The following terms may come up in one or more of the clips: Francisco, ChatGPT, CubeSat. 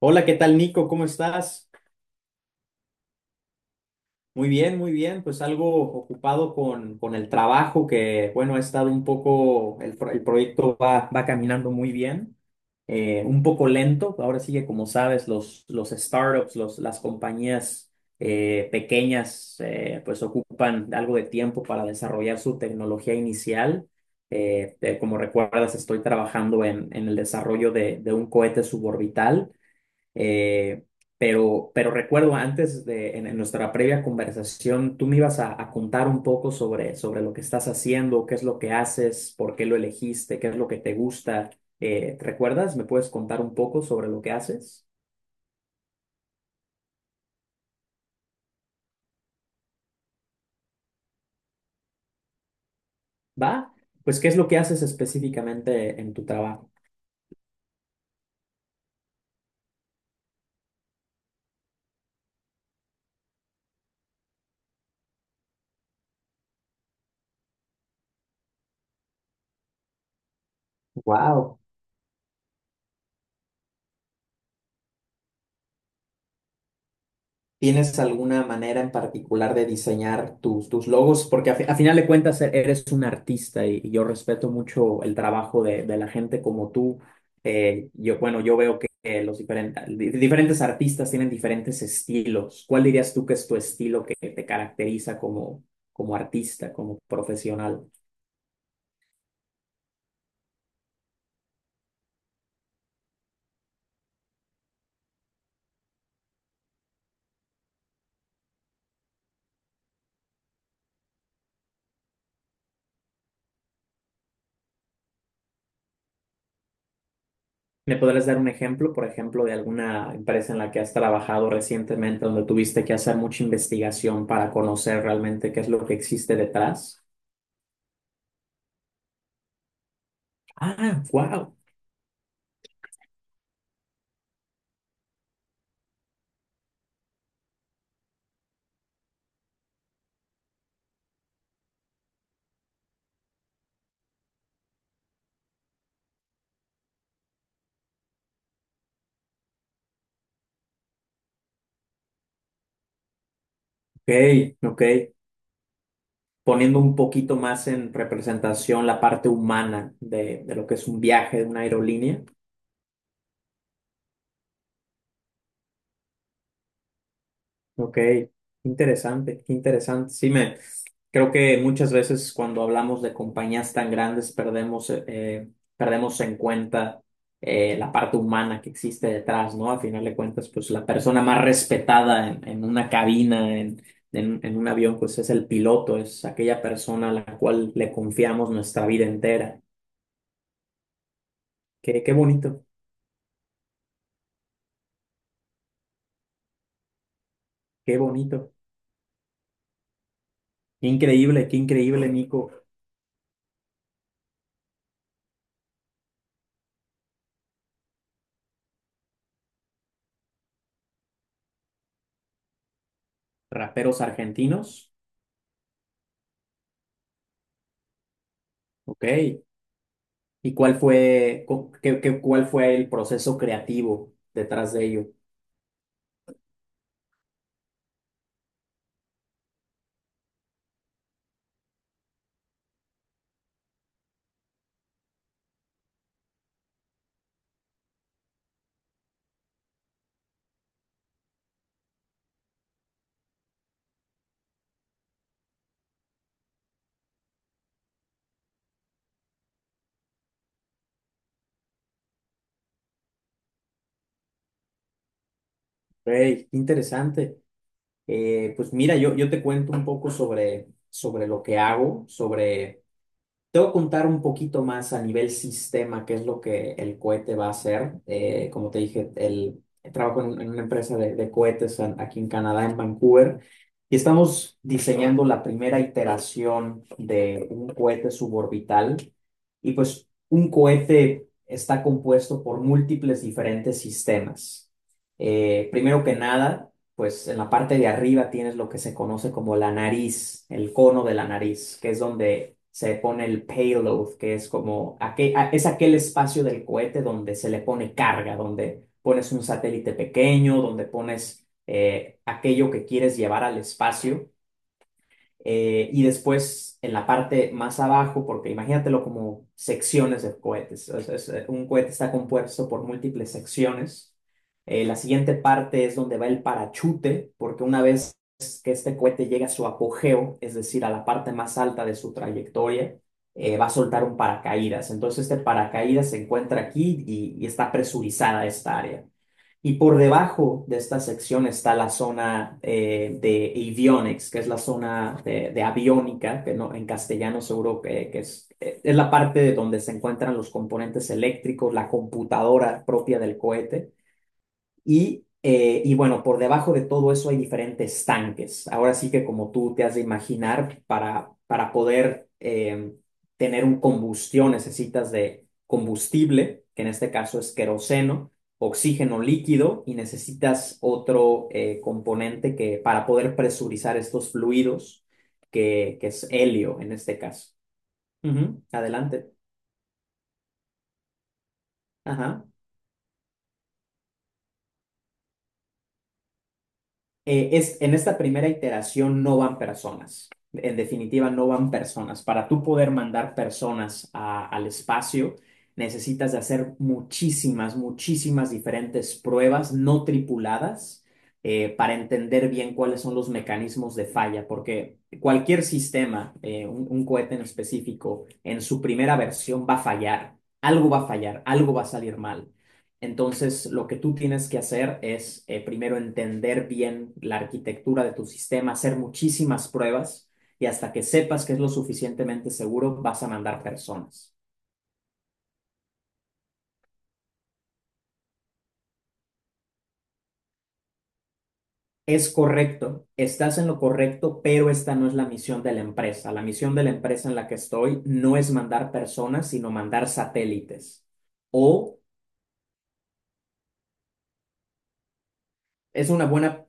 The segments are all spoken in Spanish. Hola, ¿qué tal, Nico? ¿Cómo estás? Muy bien, muy bien. Pues algo ocupado con el trabajo que, bueno, ha estado un poco, el proyecto va caminando muy bien, un poco lento. Ahora sí que, como sabes, los startups, las compañías pequeñas, pues ocupan algo de tiempo para desarrollar su tecnología inicial. Como recuerdas, estoy trabajando en el desarrollo de un cohete suborbital. Eh, pero recuerdo antes de en nuestra previa conversación, tú me ibas a contar un poco sobre lo que estás haciendo, qué es lo que haces, por qué lo elegiste, qué es lo que te gusta. ¿Recuerdas? ¿Me puedes contar un poco sobre lo que haces? ¿Va? Pues, ¿qué es lo que haces específicamente en tu trabajo? Wow. ¿Tienes alguna manera en particular de diseñar tus logos? Porque a final de cuentas eres un artista y yo respeto mucho el trabajo de la gente como tú. Yo, bueno, yo veo que los diferentes, diferentes artistas tienen diferentes estilos. ¿Cuál dirías tú que es tu estilo que te caracteriza como artista, como profesional? ¿Me podrías dar un ejemplo, por ejemplo, de alguna empresa en la que has trabajado recientemente donde tuviste que hacer mucha investigación para conocer realmente qué es lo que existe detrás? Ah, wow. Ok, ok. Poniendo un poquito más en representación la parte humana de lo que es un viaje de una aerolínea. Ok, interesante, qué interesante. Sí, me creo que muchas veces cuando hablamos de compañías tan grandes perdemos en cuenta la parte humana que existe detrás, ¿no? A final de cuentas, pues la persona más respetada en una cabina, en un avión, pues es el piloto, es aquella persona a la cual le confiamos nuestra vida entera. Qué bonito, qué bonito, qué increíble, qué increíble, Nico. Raperos argentinos, ok. ¿Y cuál fue, cu- qué- qué- cuál fue el proceso creativo detrás de ello? Hey, qué interesante. Pues mira, yo te cuento un poco sobre lo que hago. Sobre Te voy a contar un poquito más a nivel sistema, qué es lo que el cohete va a hacer. Como te dije, trabajo en una empresa de cohetes aquí en Canadá, en Vancouver, y estamos diseñando la primera iteración de un cohete suborbital. Y pues un cohete está compuesto por múltiples diferentes sistemas. Primero que nada, pues en la parte de arriba tienes lo que se conoce como la nariz, el cono de la nariz, que es donde se pone el payload, que es como es aquel espacio del cohete donde se le pone carga, donde pones un satélite pequeño, donde pones aquello que quieres llevar al espacio. Y después en la parte más abajo, porque imagínatelo como secciones de cohetes. O sea, un cohete está compuesto por múltiples secciones. La siguiente parte es donde va el parachute, porque una vez que este cohete llega a su apogeo, es decir, a la parte más alta de su trayectoria, va a soltar un paracaídas. Entonces este paracaídas se encuentra aquí y está presurizada esta área. Y por debajo de esta sección está la zona de avionics, que es la zona de aviónica, que no, en castellano seguro que es la parte de donde se encuentran los componentes eléctricos, la computadora propia del cohete. Y bueno, por debajo de todo eso hay diferentes tanques. Ahora sí que como tú te has de imaginar, para poder tener un combustión necesitas de combustible, que en este caso es queroseno, oxígeno líquido y necesitas otro componente que para poder presurizar estos fluidos, que es helio en este caso. Ujú, adelante. Ajá. En esta primera iteración no van personas. En definitiva, no van personas. Para tú poder mandar personas al espacio, necesitas de hacer muchísimas, muchísimas diferentes pruebas no tripuladas para entender bien cuáles son los mecanismos de falla, porque cualquier sistema, un cohete en específico, en su primera versión va a fallar. Algo va a fallar, algo va a salir mal. Entonces, lo que tú tienes que hacer es primero entender bien la arquitectura de tu sistema, hacer muchísimas pruebas y hasta que sepas que es lo suficientemente seguro, vas a mandar personas. Es correcto, estás en lo correcto, pero esta no es la misión de la empresa. La misión de la empresa en la que estoy no es mandar personas, sino mandar satélites. O es una buena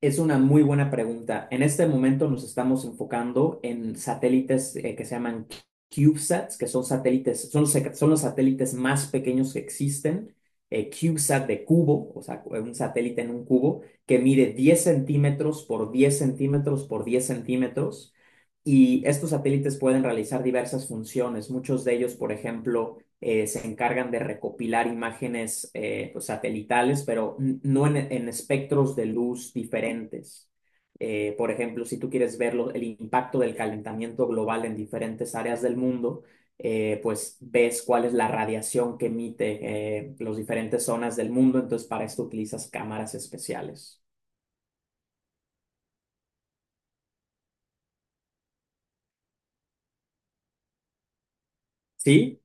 Es una muy buena pregunta. En este momento nos estamos enfocando en satélites que se llaman CubeSats, que son satélites, son los satélites más pequeños que existen. CubeSat de cubo, o sea, un satélite en un cubo que mide 10 cm por 10 cm por 10 centímetros. Y estos satélites pueden realizar diversas funciones. Muchos de ellos, por ejemplo, se encargan de recopilar imágenes pues, satelitales, pero no en espectros de luz diferentes. Por ejemplo, si tú quieres ver el impacto del calentamiento global en diferentes áreas del mundo, pues ves cuál es la radiación que emite las diferentes zonas del mundo, entonces para esto utilizas cámaras especiales. ¿Sí?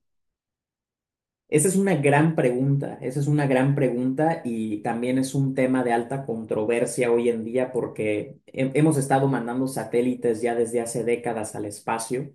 Esa es una gran pregunta, esa es una gran pregunta y también es un tema de alta controversia hoy en día porque hemos estado mandando satélites ya desde hace décadas al espacio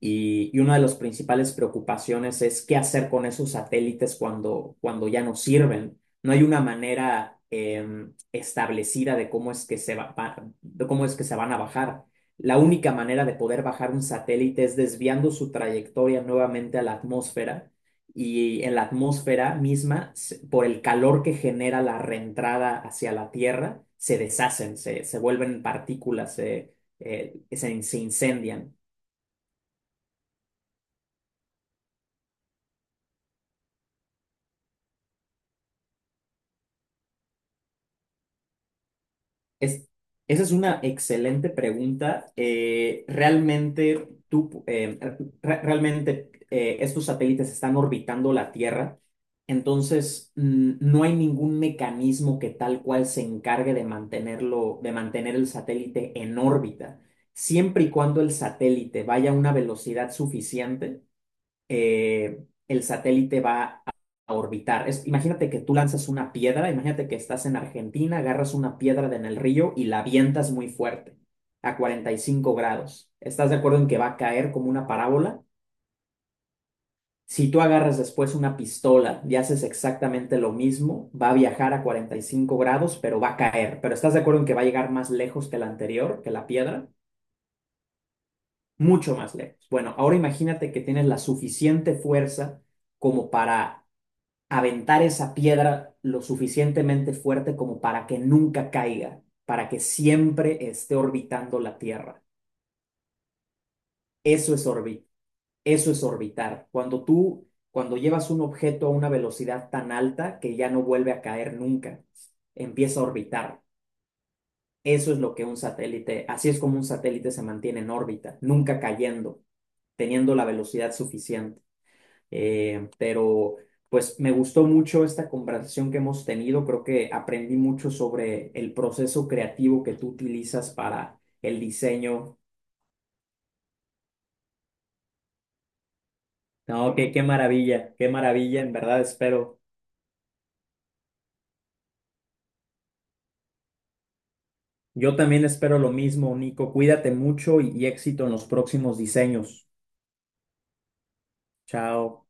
y una de las principales preocupaciones es qué hacer con esos satélites cuando ya no sirven. No hay una manera establecida de cómo es que se van a bajar. La única manera de poder bajar un satélite es desviando su trayectoria nuevamente a la atmósfera y en la atmósfera misma, por el calor que genera la reentrada hacia la Tierra, se deshacen, se vuelven partículas, se incendian. Es, esa es una excelente pregunta. Realmente estos satélites están orbitando la Tierra, entonces no hay ningún mecanismo que tal cual se encargue de mantenerlo, de mantener el satélite en órbita. Siempre y cuando el satélite vaya a una velocidad suficiente, el satélite va a orbitar. Imagínate que tú lanzas una piedra, imagínate que estás en Argentina, agarras una piedra de en el río y la avientas muy fuerte, a 45 grados. ¿Estás de acuerdo en que va a caer como una parábola? Si tú agarras después una pistola y haces exactamente lo mismo, va a viajar a 45 grados, pero va a caer. Pero ¿estás de acuerdo en que va a llegar más lejos que la anterior, que la piedra? Mucho más lejos. Bueno, ahora imagínate que tienes la suficiente fuerza como para aventar esa piedra lo suficientemente fuerte como para que nunca caiga, para que siempre esté orbitando la Tierra. Eso es orbi- eso es orbitar. Cuando llevas un objeto a una velocidad tan alta que ya no vuelve a caer nunca, empieza a orbitar. Eso es lo que un satélite, así es como un satélite se mantiene en órbita, nunca cayendo, teniendo la velocidad suficiente. Pero pues me gustó mucho esta conversación que hemos tenido. Creo que aprendí mucho sobre el proceso creativo que tú utilizas para el diseño. No, qué maravilla, qué maravilla, en verdad espero. Yo también espero lo mismo, Nico. Cuídate mucho y éxito en los próximos diseños. Chao.